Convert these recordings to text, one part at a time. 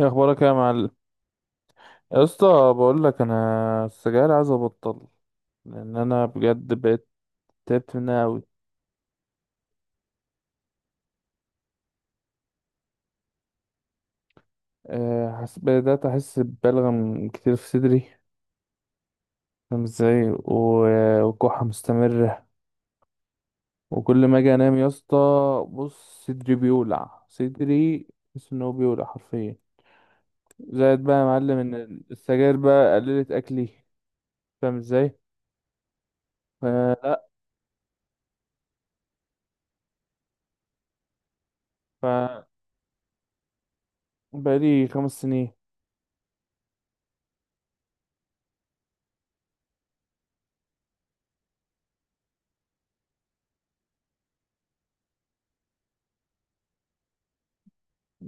ايه اخبارك يا معلم، يا اسطى؟ بقول لك انا السجاير عايز ابطل، لان انا بجد بقيت تعبت منها قوي. بدات احس ببلغم كتير في صدري، فاهم ازاي؟ وكحه مستمره، وكل ما اجي انام يا اسطى بص صدري بيولع، صدري بحس ان هو بيولع حرفيا. زائد بقى يا معلم ان السجاير بقى قللت اكلي، فاهم ازاي؟ فلا، ف بقالي 5 سنين.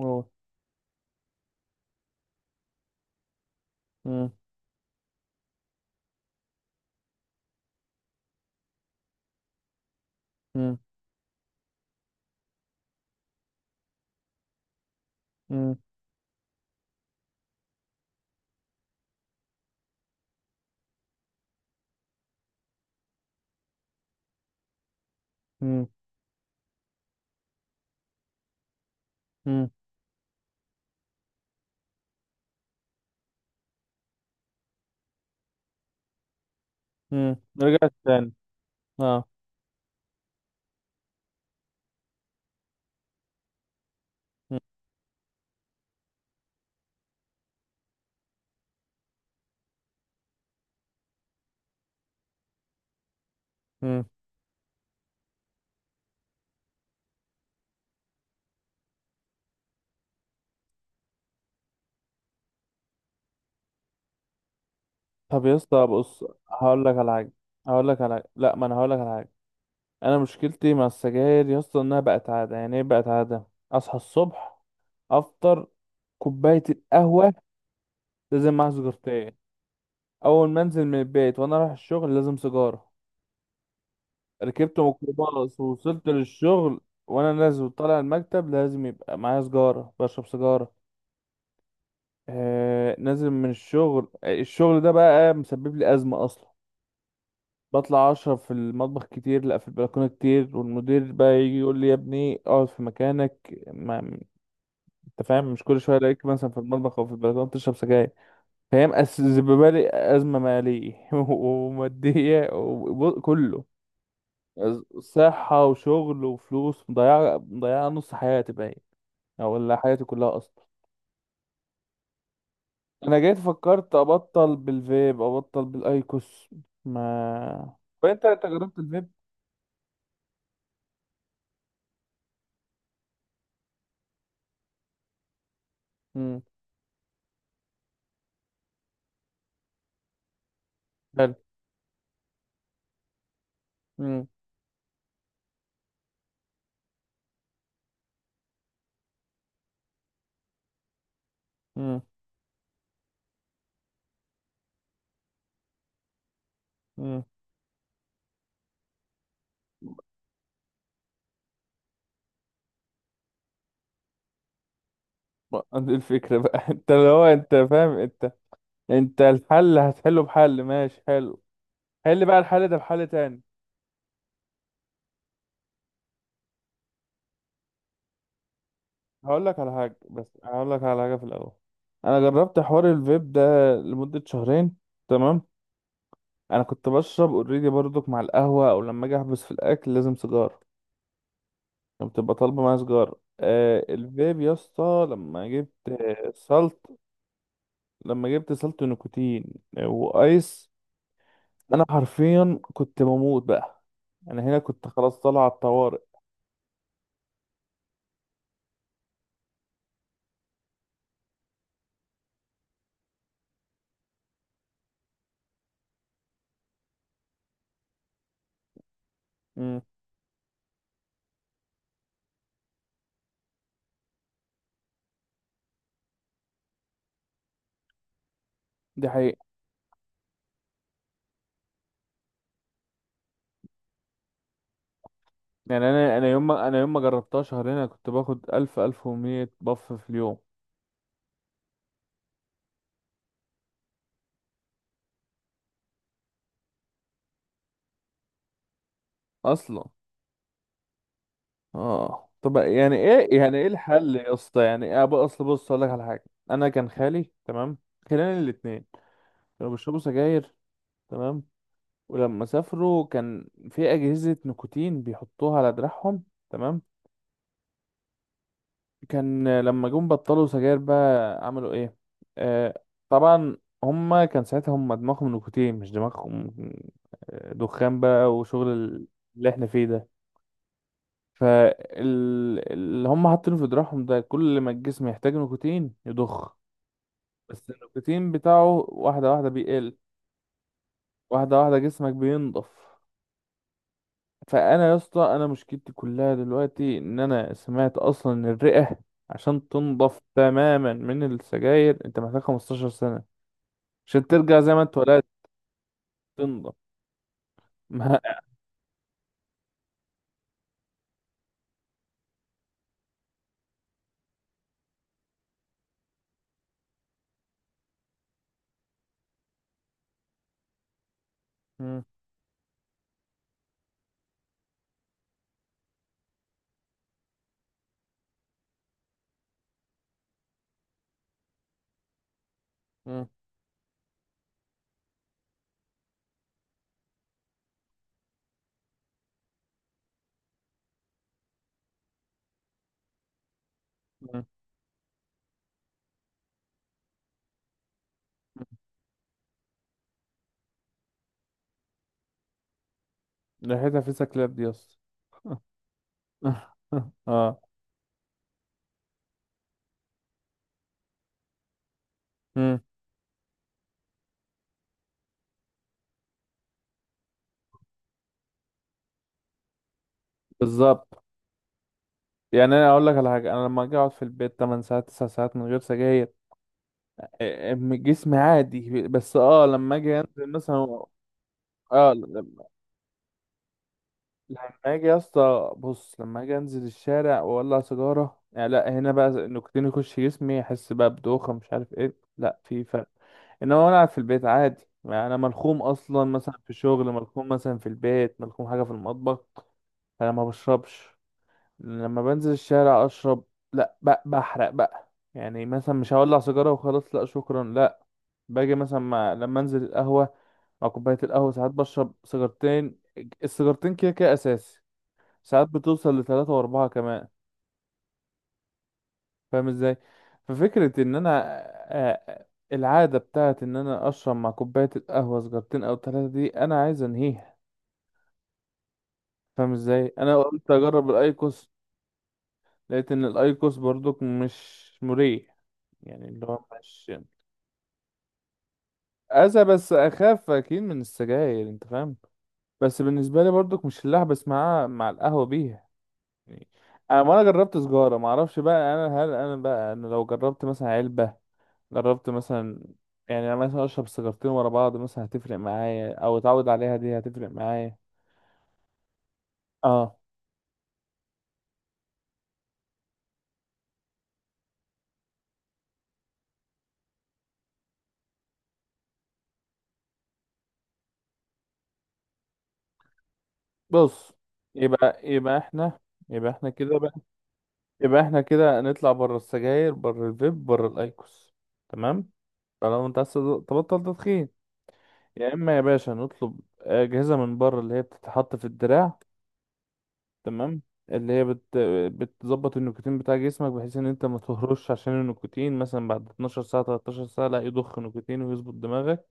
أوه. مم. مم. مم. مم. مم. مم. رجعت تاني. اه. مم. مم. طب يا اسطى بص، هقول لك على حاجه، هقول لك على حاجه لا ما انا هقول لك على حاجه. انا مشكلتي مع السجاير يا اسطى انها بقت عاده، يعني ايه بقت عاده؟ اصحى الصبح، افطر، كوبايه القهوه لازم معاها سجارتين، اول ما انزل من البيت وانا رايح الشغل لازم سيجاره، ركبت ميكروباص ووصلت للشغل، وانا نازل وطالع المكتب لازم يبقى معايا سجاره بشرب سجاره. نازل من الشغل، الشغل ده بقى مسبب لي ازمه اصلا. بطلع اشرب في المطبخ كتير، لا في البلكونه كتير، والمدير بقى يجي يقول لي يا ابني اقعد في مكانك، ما انت فاهم، مش كل شويه الاقيك مثلا في المطبخ او في البلكونه بتشرب سجاير. فهي مسببه لي ازمه ماليه وماديه وكله، صحه وشغل وفلوس مضيعه، مضيعه نص حياتي باين، او ولا حياتي كلها اصلا. انا جيت فكرت ابطل بالفيب، ابطل بالايكوس. ما فانت جربت الفيب؟ امم. حلو. امم. امم. دي الفكرة بقى انت اللي هو انت فاهم انت، انت الحل هتحله بحل ماشي حلو. حل بقى الحل ده بحل تاني. هقول لك على حاجة، بس هقول لك على حاجة في الأول. أنا جربت حوار الفيب ده لمدة شهرين، تمام. أنا كنت بشرب اوريدي برضك مع القهوة أو لما أجي أحبس في الأكل لازم سيجارة، كانت بتبقى طالبة معايا سيجارة. الفيب يا اسطى، لما جبت سلط نيكوتين وآيس، انا حرفيا كنت بموت بقى، انا هنا كنت خلاص طالع على الطوارئ. امم. دي حقيقة. يعني انا يوم ما جربتها شهرين انا كنت باخد 1000 1100 بف في اليوم اصلا. اه طب يعني ايه، الحل يا اسطى، يعني ايه بقى؟ اصل بص اقول لك على حاجه، انا كان خالي تمام خلاني الاثنين كانوا بيشربوا سجاير، تمام. ولما سافروا كان في اجهزه نيكوتين بيحطوها على دراعهم، تمام. كان لما جم بطلوا سجاير بقى عملوا ايه؟ آه، طبعا. هما كان ساعتها هما دماغهم نيكوتين مش دماغهم، دخان بقى، وشغل اللي احنا فيه ده. فاللي هم حاطينه في دراعهم ده كل ما الجسم يحتاج نيكوتين يضخ، بس النيكوتين بتاعه واحدة واحدة بيقل، واحدة واحدة جسمك بينضف. فانا يا اسطى انا مشكلتي كلها دلوقتي ان انا سمعت اصلا ان الرئه عشان تنضف تماما من السجاير انت محتاج 15 سنه عشان ترجع زي ما انت ولقيت تنضف ما. مم. مم. مم. مم. ريحتها في سكلاب دي يا اسطى اه. مم. بالظبط. يعني انا اقول لك على حاجه، انا لما اجي اقعد في البيت 8 ساعات 9 ساعات من غير سجاير، جسمي عادي، بس اه لما اجي انزل مثلا، اه لما اجي يا اسطى بص، لما اجي انزل الشارع واولع سيجاره، يعني لا هنا بقى النيكوتين يخش جسمي، احس بقى بدوخه، مش عارف ايه، لا في فرق. انما وانا قاعد في البيت عادي يعني انا ملخوم اصلا، مثلا في شغل ملخوم، مثلا في البيت ملخوم حاجه في المطبخ، فانا ما بشربش. لما بنزل الشارع اشرب، لا بقى بحرق بقى، يعني مثلا مش هولع سيجاره وخلاص، لا شكرا لا. باجي مثلا مع، لما انزل القهوه مع كوبايه القهوه ساعات بشرب سيجارتين، السيجارتين كده كده اساسي، ساعات بتوصل لثلاثة وأربعة كمان، فاهم ازاي؟ ففكرة ان انا، آه، العادة بتاعت ان انا اشرب مع كوباية القهوة سجارتين او ثلاثة دي، انا عايز انهيها، فاهم ازاي؟ انا قلت اجرب الايكوس، لقيت ان الايكوس برضك مش مريح، يعني اللي هو مش اذى، بس اخاف اكيد من السجاير، انت فاهم. بس بالنسبة لي برضك مش اللي احبس مع القهوة بيها، يعني انا ما انا جربت سجارة، ما اعرفش بقى انا، هل انا بقى انا لو جربت مثلا علبة، جربت مثلا، يعني انا مثلا اشرب سيجارتين ورا بعض مثلا هتفرق معايا، او اتعود عليها دي هتفرق معايا. اه بص، يبقى احنا، يبقى احنا كده بقى يبقى احنا كده نطلع بره السجاير، بره الفيب، بره الايكوس، تمام؟ طالما انت عايز تبطل تدخين، يا اما يا باشا نطلب اجهزه من بره اللي هي بتتحط في الدراع، تمام، اللي هي بتظبط النيكوتين بتاع جسمك، بحيث ان انت ما تهرش عشان النيكوتين مثلا بعد 12 ساعه 13 ساعه لا يضخ نيكوتين ويظبط دماغك.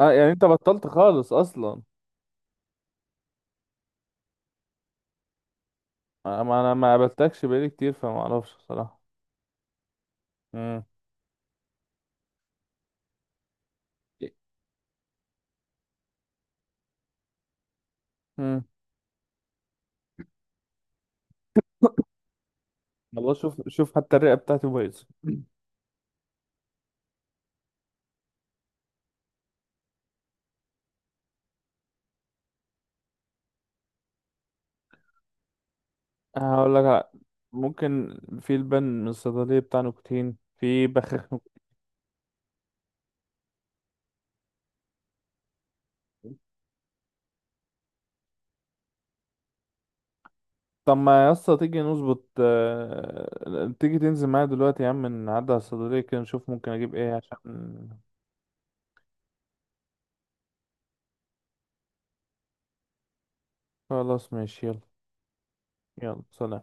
اه يعني انت بطلت خالص اصلا؟ انا ما قابلتكش بقالي كتير فما اعرفش بصراحه. امم. امم. والله شوف شوف، حتى الرئه بتاعتي بايظه هقول لك على-. ممكن في لبن من الصيدليه بتاع نيكوتين، في بخاخ نيكوتين. طب ما يا اسطى تيجي نظبط، آه، تيجي تنزل معايا دلوقتي يا عم، نعدي على الصيدليه كده نشوف ممكن اجيب ايه عشان. خلاص ماشي يلا. يلا سلام.